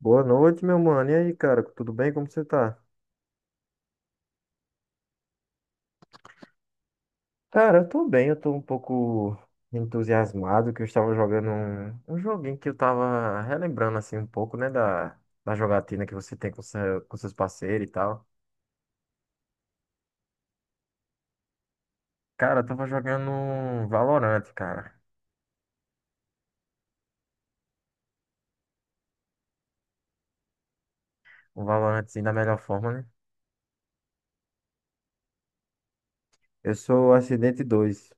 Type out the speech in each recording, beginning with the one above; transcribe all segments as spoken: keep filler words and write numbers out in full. Boa noite, meu mano. E aí, cara, tudo bem? Como você tá? Cara, eu tô bem, eu tô um pouco entusiasmado que eu estava jogando um, um joguinho que eu tava relembrando assim um pouco, né, da, da jogatina que você tem com, seu, com seus parceiros e tal. Cara, eu tava jogando um Valorant, cara. Um Valorant assim da melhor forma, né? Eu sou Acidente dois.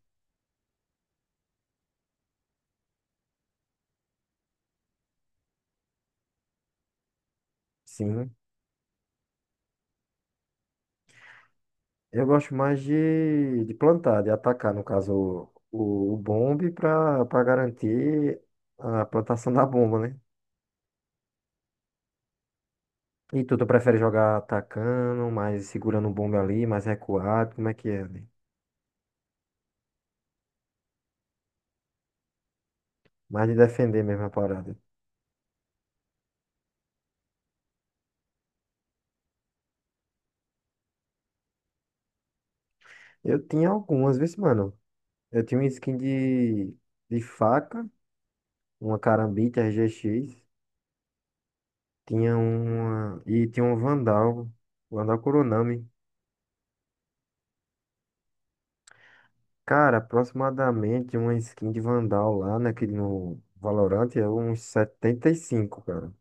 Sim. Eu gosto mais de, de plantar, de atacar, no caso, o, o, o bombe pra, pra garantir a plantação da bomba, né? E tu, tu prefere jogar atacando, mais segurando o bombe ali, mais recuado? Como é que é ali? Mais de defender mesmo a parada. Eu tinha algumas, vezes, mano. Eu tinha uma skin de, de faca, uma Karambit R G X, tinha uma. E tinha um Vandal, Vandal Kuronami. Cara, aproximadamente uma skin de Vandal lá, né? Que no Valorant é uns setenta e cinco cara.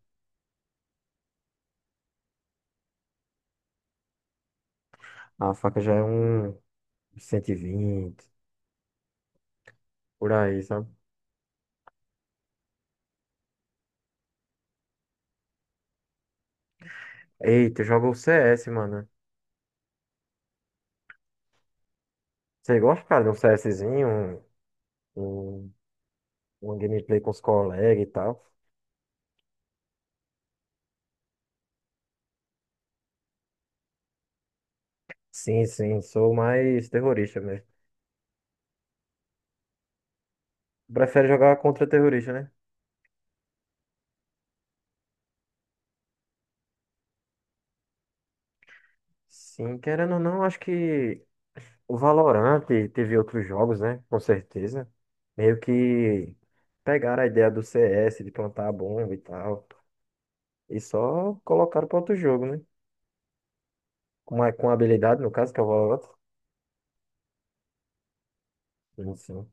A faca já é um cento e vinte por aí, sabe? Eita, eu jogo o C S, mano. Você gosta, cara, de um CSzinho, um, um, uma gameplay com os colegas e tal? Sim, sim, sou mais terrorista mesmo. Prefere jogar contra terrorista, né? Sim, querendo ou não, acho que o Valorant teve outros jogos, né? Com certeza. Meio que pegaram a ideia do C S, de plantar a bomba e tal. E só colocaram para outro jogo, né? Com, a- com habilidade, no caso, que é o Valorant. Sim, sim.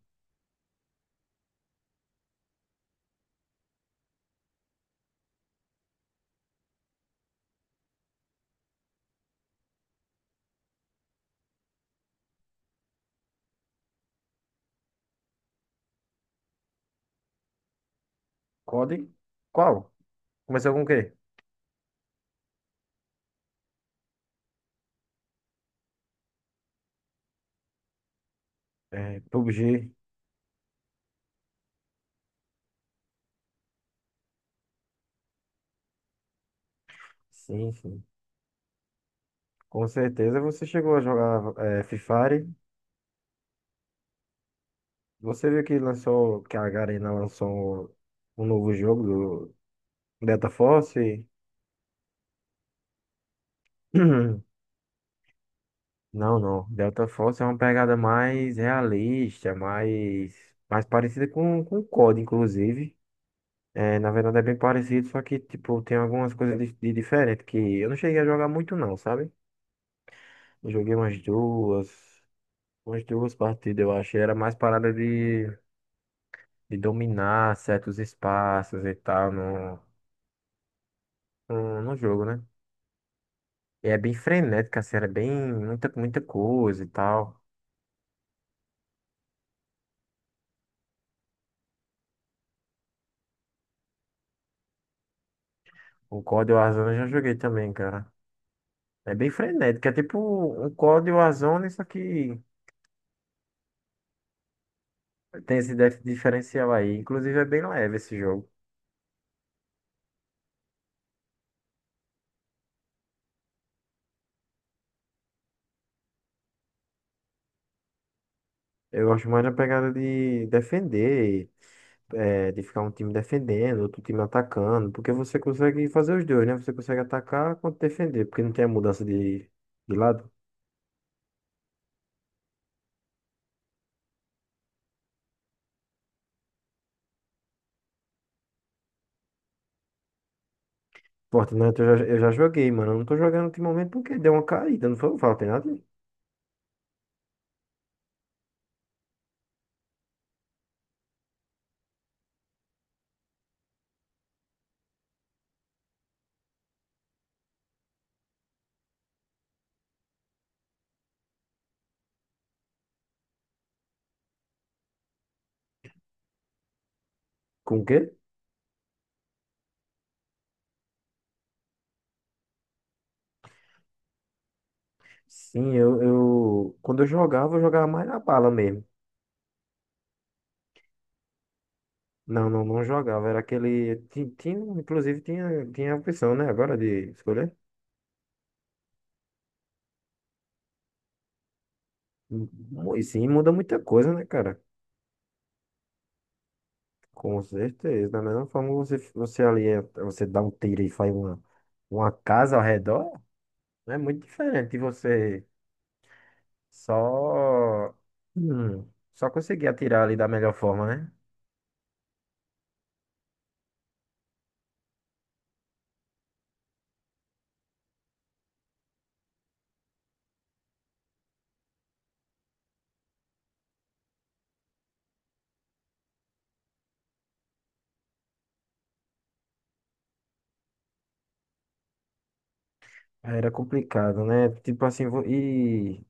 C O D? Qual? Começou com o quê? É, pub g. Sim, sim. Com certeza você chegou a jogar é, Fifari. Você viu que lançou, que a Garena lançou um novo jogo do Delta Force? Não, não. Delta Force é uma pegada mais realista, mais, mais parecida com, com o C O D, inclusive. É, na verdade é bem parecido, só que tipo, tem algumas coisas de, de diferente que eu não cheguei a jogar muito não, sabe? Eu joguei umas duas, umas duas partidas, eu acho. Era mais parada de de dominar certos espaços e tal no, no, no jogo, né? E é bem frenético, assim, é bem muita, muita coisa e tal. O C O D Warzone eu já joguei também, cara. É bem frenético, é tipo um C O D Warzone, só que tem esse def- diferencial aí. Inclusive é bem leve esse jogo. Eu gosto mais da pegada de defender, é, de ficar um time defendendo, outro time atacando, porque você consegue fazer os dois, né? Você consegue atacar quanto defender, porque não tem a mudança de, de lado. Fortnite eu já, eu já joguei, mano. Eu não tô jogando ultimamente porque deu uma caída, não foi o Fortnite? Com o quê? Sim, eu, eu. Quando eu jogava, eu jogava mais na bala mesmo. Não, não, não jogava. Era aquele. ti- Tinha, inclusive, tinha, tinha a opção, né? Agora de escolher. Mu- E sim, muda muita coisa, né, cara? Com certeza. Da mesma forma, você, você ali, é- você dá um tiro e faz uma, uma casa ao redor, é muito diferente de você só. hum, Só conseguir atirar ali da melhor forma, né? Era complicado, né? Tipo assim, vo- e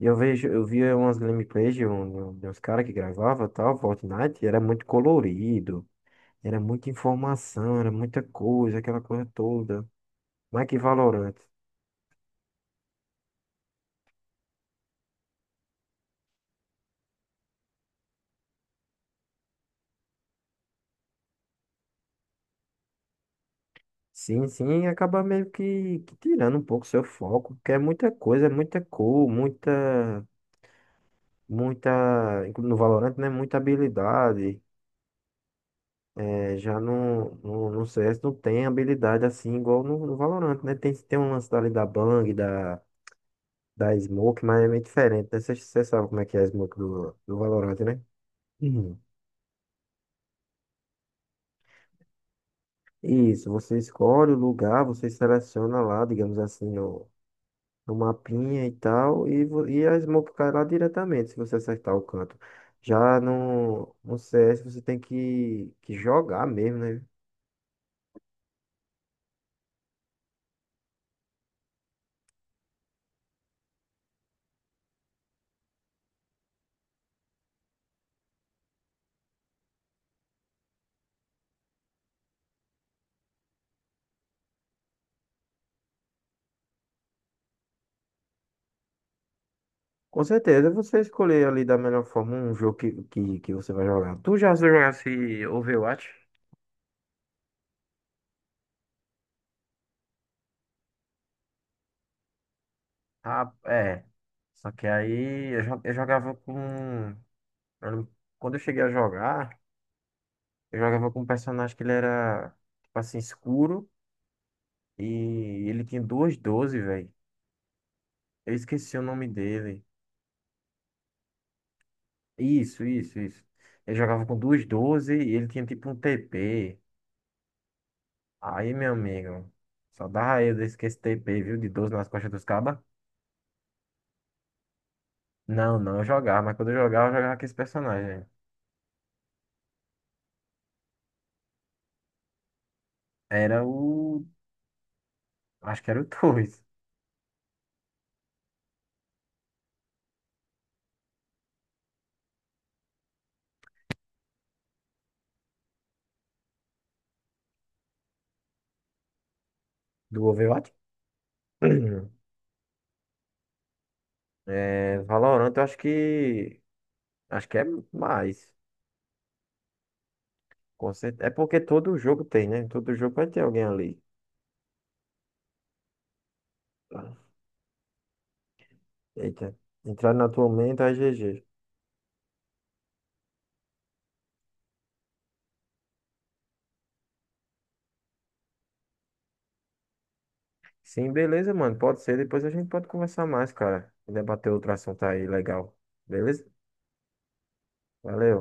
e eu vejo, eu via umas gameplays de, um, de uns caras que gravava tal, Fortnite, e era muito colorido, era muita informação, era muita coisa, aquela coisa toda. Mas que Valorant. Sim, sim, acaba meio que, que tirando um pouco seu foco, porque é muita coisa, é muita cor, muita, muita, inclu- no Valorant, né? Muita habilidade. É, já no, no, no C S não tem habilidade assim igual no, no Valorant, né? Tem, tem um lance ali da Bang, da, da Smoke, mas é meio diferente, né? Você sabe como é que é a Smoke do, do Valorant, né? Uhum. Isso, você escolhe o lugar, você seleciona lá, digamos assim, no, no mapinha e tal, e, vo- e a Smoke cai lá diretamente, se você acertar o canto. Já no, no C S você tem que, que jogar mesmo, né? Com certeza, você escolher ali da melhor forma um jogo que, que, que você vai jogar. Tu já jogasse Overwatch? Ah, é. Só que aí eu, jo- eu jogava com. Eu não- Quando eu cheguei a jogar, eu jogava com um personagem que ele era, tipo assim, escuro e ele tinha duas doze velho. Eu esqueci o nome dele. Isso, isso, isso. Eu jogava com duas doze e ele tinha tipo um T P. Aí, meu amigo, só dava eu desse que esse T P, viu? De doze nas costas dos cabas. Não, não, eu jogava, mas quando eu jogava, eu jogava com esse personagem. Era o. Acho que era o Torres, do Overwatch. É, Valorant, eu acho que. Acho que é mais. Com cer- É porque todo jogo tem, né? Todo jogo vai ter alguém ali. Eita. Entrar na tua mente, aí G G. Sim, beleza, mano. Pode ser. Depois a gente pode conversar mais, cara. E debater outro assunto aí legal. Beleza? Valeu.